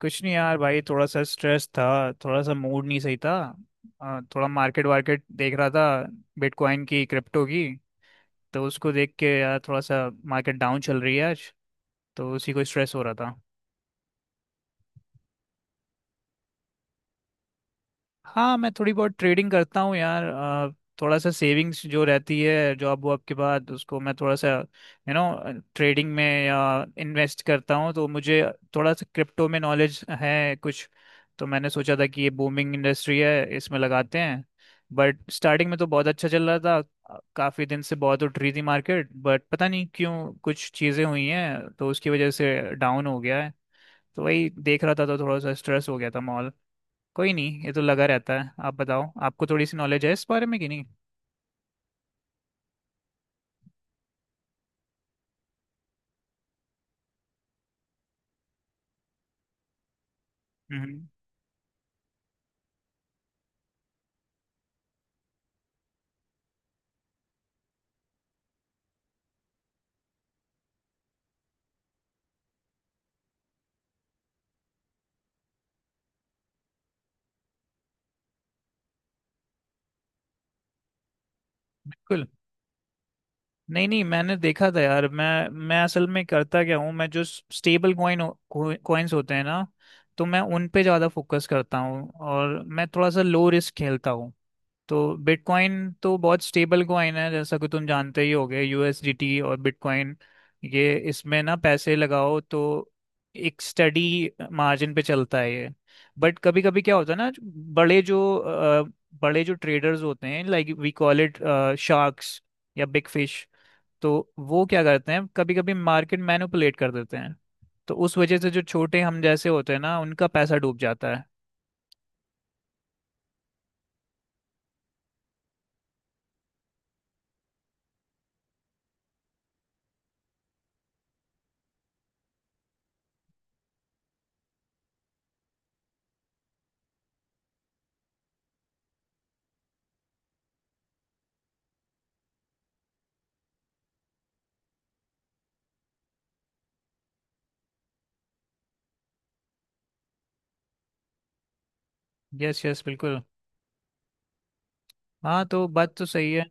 कुछ नहीं यार भाई, थोड़ा सा स्ट्रेस था। थोड़ा सा मूड नहीं सही था। थोड़ा मार्केट वार्केट देख रहा था, बिटकॉइन की, क्रिप्टो की। तो उसको देख के यार थोड़ा सा मार्केट डाउन चल रही है आज, तो उसी को स्ट्रेस हो रहा था। हाँ, मैं थोड़ी बहुत ट्रेडिंग करता हूँ यार। थोड़ा सा सेविंग्स जो रहती है जॉब वॉब के बाद, उसको मैं थोड़ा सा ट्रेडिंग में या इन्वेस्ट करता हूँ। तो मुझे थोड़ा सा क्रिप्टो में नॉलेज है कुछ, तो मैंने सोचा था कि ये बूमिंग इंडस्ट्री है, इसमें लगाते हैं। बट स्टार्टिंग में तो बहुत अच्छा चल रहा था, काफ़ी दिन से बहुत उठ रही थी मार्केट, बट पता नहीं क्यों कुछ चीज़ें हुई हैं तो उसकी वजह से डाउन हो गया है। तो वही देख रहा था, तो थोड़ा सा स्ट्रेस हो गया था। कोई नहीं, ये तो लगा रहता है। आप बताओ, आपको थोड़ी सी नॉलेज है इस बारे में कि नहीं? हम्म। बिल्कुल। नहीं नहीं, मैंने देखा था यार। मैं असल में करता क्या हूँ, मैं जो स्टेबल कॉइन्स होते हैं ना, तो मैं उन पे ज़्यादा फोकस करता हूँ और मैं थोड़ा सा लो रिस्क खेलता हूँ। तो बिटकॉइन तो बहुत स्टेबल कॉइन है जैसा कि तुम जानते ही होगे, यूएसडीटी और बिटकॉइन। ये इसमें ना पैसे लगाओ तो एक स्टडी मार्जिन पे चलता है ये। बट कभी कभी क्या होता है ना, बड़े जो ट्रेडर्स होते हैं, like we call it sharks या बिग फिश। तो वो क्या करते हैं, कभी कभी मार्केट मैनिपुलेट कर देते हैं। तो उस वजह से जो छोटे हम जैसे होते हैं ना, उनका पैसा डूब जाता है। यस यस, बिल्कुल। हाँ, तो बात तो सही है।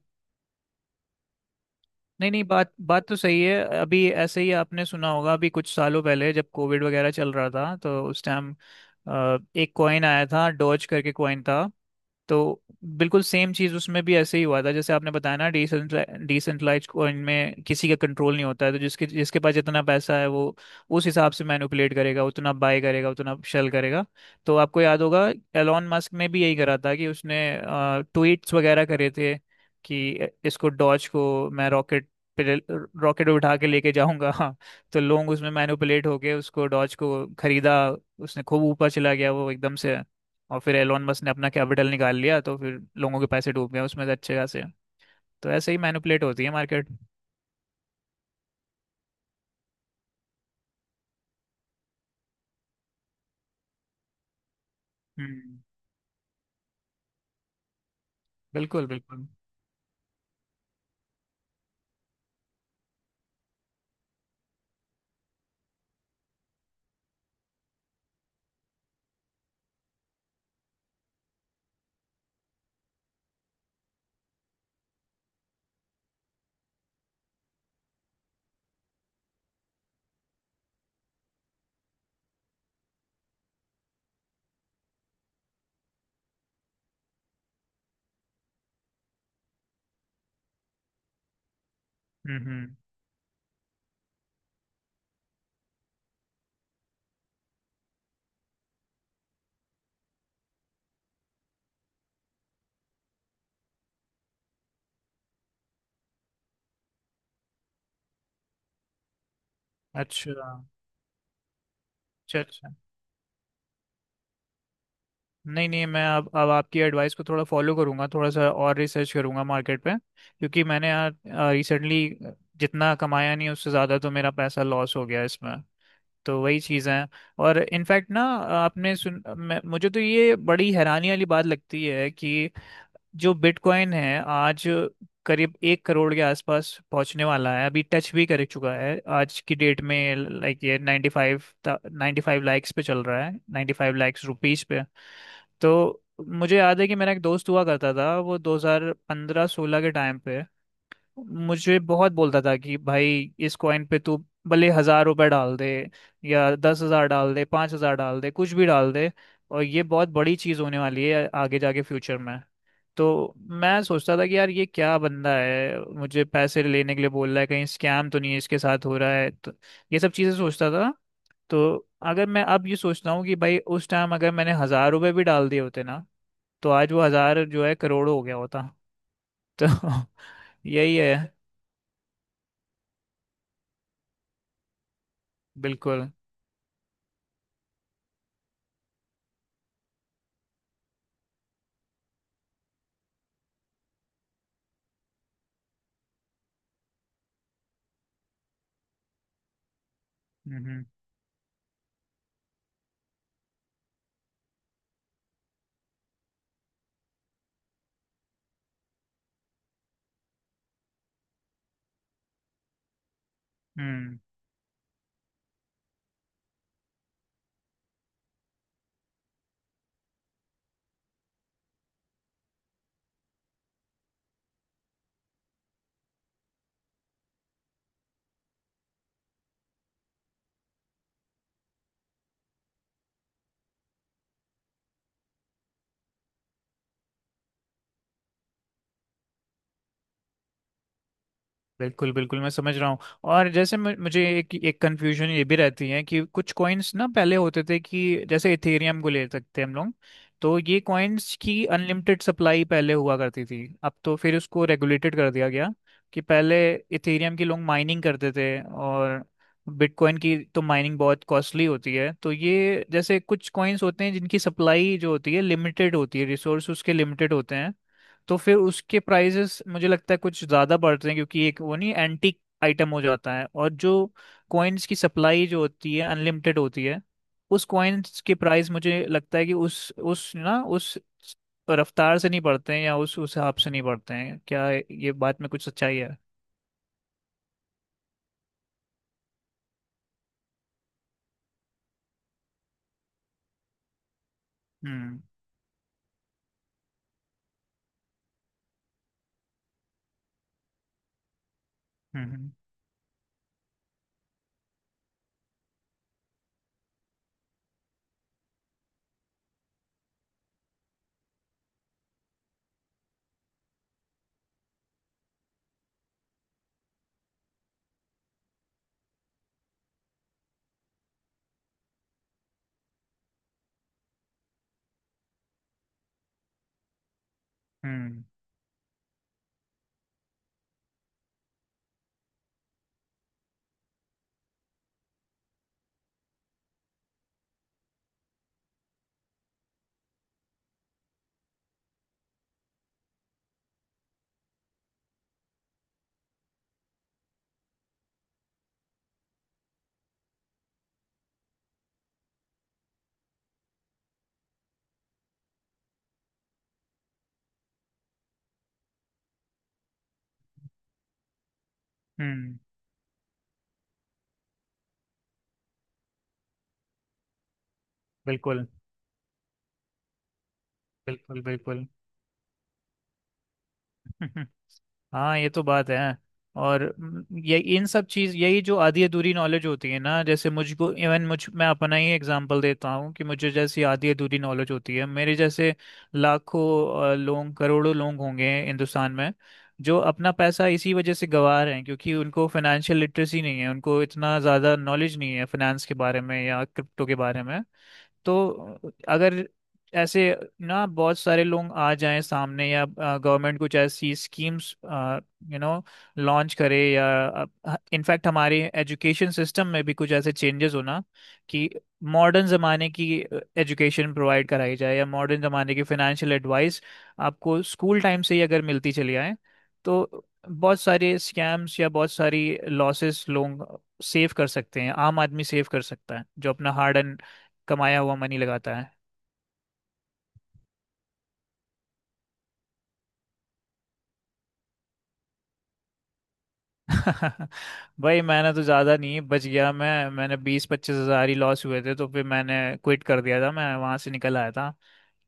नहीं नहीं, बात बात तो सही है। अभी ऐसे ही आपने सुना होगा, अभी कुछ सालों पहले जब कोविड वगैरह चल रहा था, तो उस टाइम एक कॉइन आया था, डॉज करके कॉइन था। तो बिल्कुल सेम चीज़ उसमें भी ऐसे ही हुआ था, जैसे आपने बताया ना, डिसेंट्रलाइज कॉइन में किसी का कंट्रोल नहीं होता है, तो जिसके जिसके पास जितना पैसा है वो उस हिसाब से मैनिपुलेट करेगा, उतना बाय करेगा, उतना शेल करेगा। तो आपको याद होगा, एलॉन मस्क ने भी यही करा था कि उसने ट्वीट्स वगैरह करे थे कि इसको डॉज को मैं रॉकेट रॉकेट उठा के लेके जाऊंगा। हाँ। तो लोग उसमें मैनिपुलेट होके उसको डॉज को खरीदा, उसने खूब ऊपर चला गया वो एकदम से। और फिर एलोन मस्क ने अपना कैपिटल निकाल लिया, तो फिर लोगों के पैसे डूब गए उसमें से अच्छे खासे। तो ऐसे ही मैनिपुलेट होती है मार्केट। हम्म। बिल्कुल बिल्कुल। हम्म। अच्छा, अच्छा अच्छा। नहीं नहीं, मैं अब आपकी एडवाइस को थोड़ा फॉलो करूंगा, थोड़ा सा और रिसर्च करूंगा मार्केट पे। क्योंकि मैंने यार रिसेंटली जितना कमाया नहीं उससे ज़्यादा तो मेरा पैसा लॉस हो गया इसमें, तो वही चीज़ें हैं। और इनफैक्ट ना, मुझे तो ये बड़ी हैरानी वाली बात लगती है कि जो बिटकॉइन है आज करीब एक करोड़ के आसपास पहुंचने वाला है, अभी टच भी कर चुका है आज की डेट में, लाइक ये 95, नाइन्टी फाइव लाइक्स पे चल रहा है, 95 लाइक्स रुपीस पे। तो मुझे याद है कि मेरा एक दोस्त हुआ करता था वो 2015-16 के टाइम पे मुझे बहुत बोलता था कि भाई इस कॉइन पे तू भले हजार रुपए डाल दे, या 10 हजार डाल दे, 5 हजार डाल दे, कुछ भी डाल दे, और ये बहुत बड़ी चीज होने वाली है आगे जाके फ्यूचर में। तो मैं सोचता था कि यार ये क्या बंदा है, मुझे पैसे लेने के लिए बोल रहा है, कहीं स्कैम तो नहीं है इसके साथ हो रहा है, तो ये सब चीज़ें सोचता था। तो अगर मैं अब ये सोचता हूँ कि भाई उस टाइम अगर मैंने हज़ार रुपये भी डाल दिए होते ना, तो आज वो हज़ार जो है करोड़ों हो गया होता। तो यही है। बिल्कुल। हम्म हम्म। बिल्कुल बिल्कुल, मैं समझ रहा हूँ। और जैसे मुझे एक एक कंफ्यूजन ये भी रहती है कि कुछ कॉइन्स ना पहले होते थे, कि जैसे इथेरियम को ले सकते हैं हम लोग, तो ये कॉइन्स की अनलिमिटेड सप्लाई पहले हुआ करती थी, अब तो फिर उसको रेगुलेटेड कर दिया गया। कि पहले इथेरियम की लोग माइनिंग करते थे, और बिटकॉइन की तो माइनिंग बहुत कॉस्टली होती है। तो ये जैसे कुछ कॉइन्स होते हैं जिनकी सप्लाई जो होती है लिमिटेड होती है, रिसोर्स उसके लिमिटेड होते हैं, तो फिर उसके प्राइजेस मुझे लगता है कुछ ज़्यादा बढ़ते हैं, क्योंकि एक वो नहीं एंटीक आइटम हो जाता है। और जो कॉइन्स की सप्लाई जो होती है अनलिमिटेड होती है, उस कॉइन्स के प्राइस मुझे लगता है कि उस रफ्तार से नहीं बढ़ते हैं, या उस हिसाब से नहीं बढ़ते हैं। क्या ये बात में कुछ सच्चाई है? हम्म हम्म। हम्म हम्म। बिल्कुल बिल्कुल बिल्कुल। हाँ, ये तो बात है। और ये इन सब चीज यही जो आधी अधूरी नॉलेज होती है ना, जैसे मुझको इवन मुझ मैं अपना ही एग्जांपल देता हूँ कि मुझे जैसी आधी अधूरी नॉलेज होती है, मेरे जैसे लाखों, लोग करोड़ों लोग होंगे हिंदुस्तान में, जो अपना पैसा इसी वजह से गंवा रहे हैं क्योंकि उनको फाइनेंशियल लिटरेसी नहीं है, उनको इतना ज़्यादा नॉलेज नहीं है फाइनेंस के बारे में या क्रिप्टो के बारे में। तो अगर ऐसे ना बहुत सारे लोग आ जाएं सामने, या गवर्नमेंट कुछ ऐसी स्कीम्स यू नो लॉन्च करे, या इनफैक्ट हमारे एजुकेशन सिस्टम में भी कुछ ऐसे चेंजेस होना, कि मॉडर्न ज़माने की एजुकेशन प्रोवाइड कराई जाए, या मॉडर्न ज़माने की फाइनेंशियल एडवाइस आपको स्कूल टाइम से ही अगर मिलती चली आए, तो बहुत सारे स्कैम्स या बहुत सारी लॉसेस लोग सेव कर सकते हैं, आम आदमी सेव कर सकता है जो अपना हार्ड एंड कमाया हुआ मनी लगाता है। भाई मैंने तो ज़्यादा नहीं बच गया, मैंने बीस पच्चीस हज़ार ही लॉस हुए थे, तो फिर मैंने क्विट कर दिया था, मैं वहाँ से निकल आया था।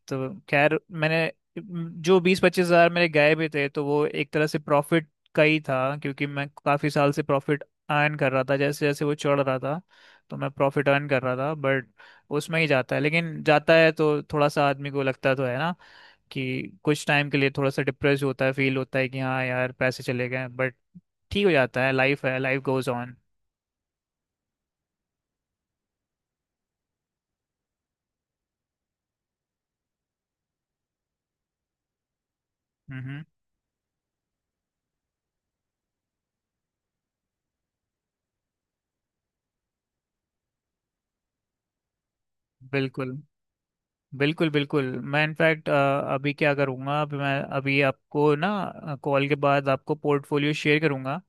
तो खैर मैंने जो बीस पच्चीस हज़ार मेरे गए भी थे तो वो एक तरह से प्रॉफिट का ही था, क्योंकि मैं काफ़ी साल से प्रॉफिट अर्न कर रहा था जैसे जैसे वो चढ़ रहा था। तो मैं प्रॉफिट अर्न कर रहा था बट उसमें ही जाता है, लेकिन जाता है तो थोड़ा सा आदमी को लगता तो है ना, कि कुछ टाइम के लिए थोड़ा सा डिप्रेस होता है, फील होता है कि हाँ यार पैसे चले गए, बट ठीक हो जाता है, लाइफ है, लाइफ गोज ऑन। हम्म। बिल्कुल बिल्कुल बिल्कुल। मैं इनफैक्ट अभी क्या करूँगा, अभी मैं अभी आपको ना कॉल के बाद आपको पोर्टफोलियो शेयर करूँगा।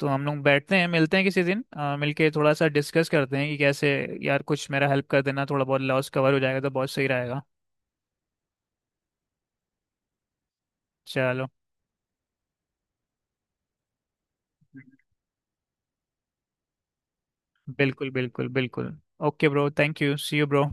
तो हम लोग बैठते हैं मिलते हैं किसी दिन, मिलके थोड़ा सा डिस्कस करते हैं कि कैसे यार कुछ मेरा हेल्प कर देना, थोड़ा बहुत लॉस कवर हो जाएगा तो बहुत सही रहेगा। चलो। बिल्कुल बिल्कुल बिल्कुल। Okay bro, thank you, see you bro.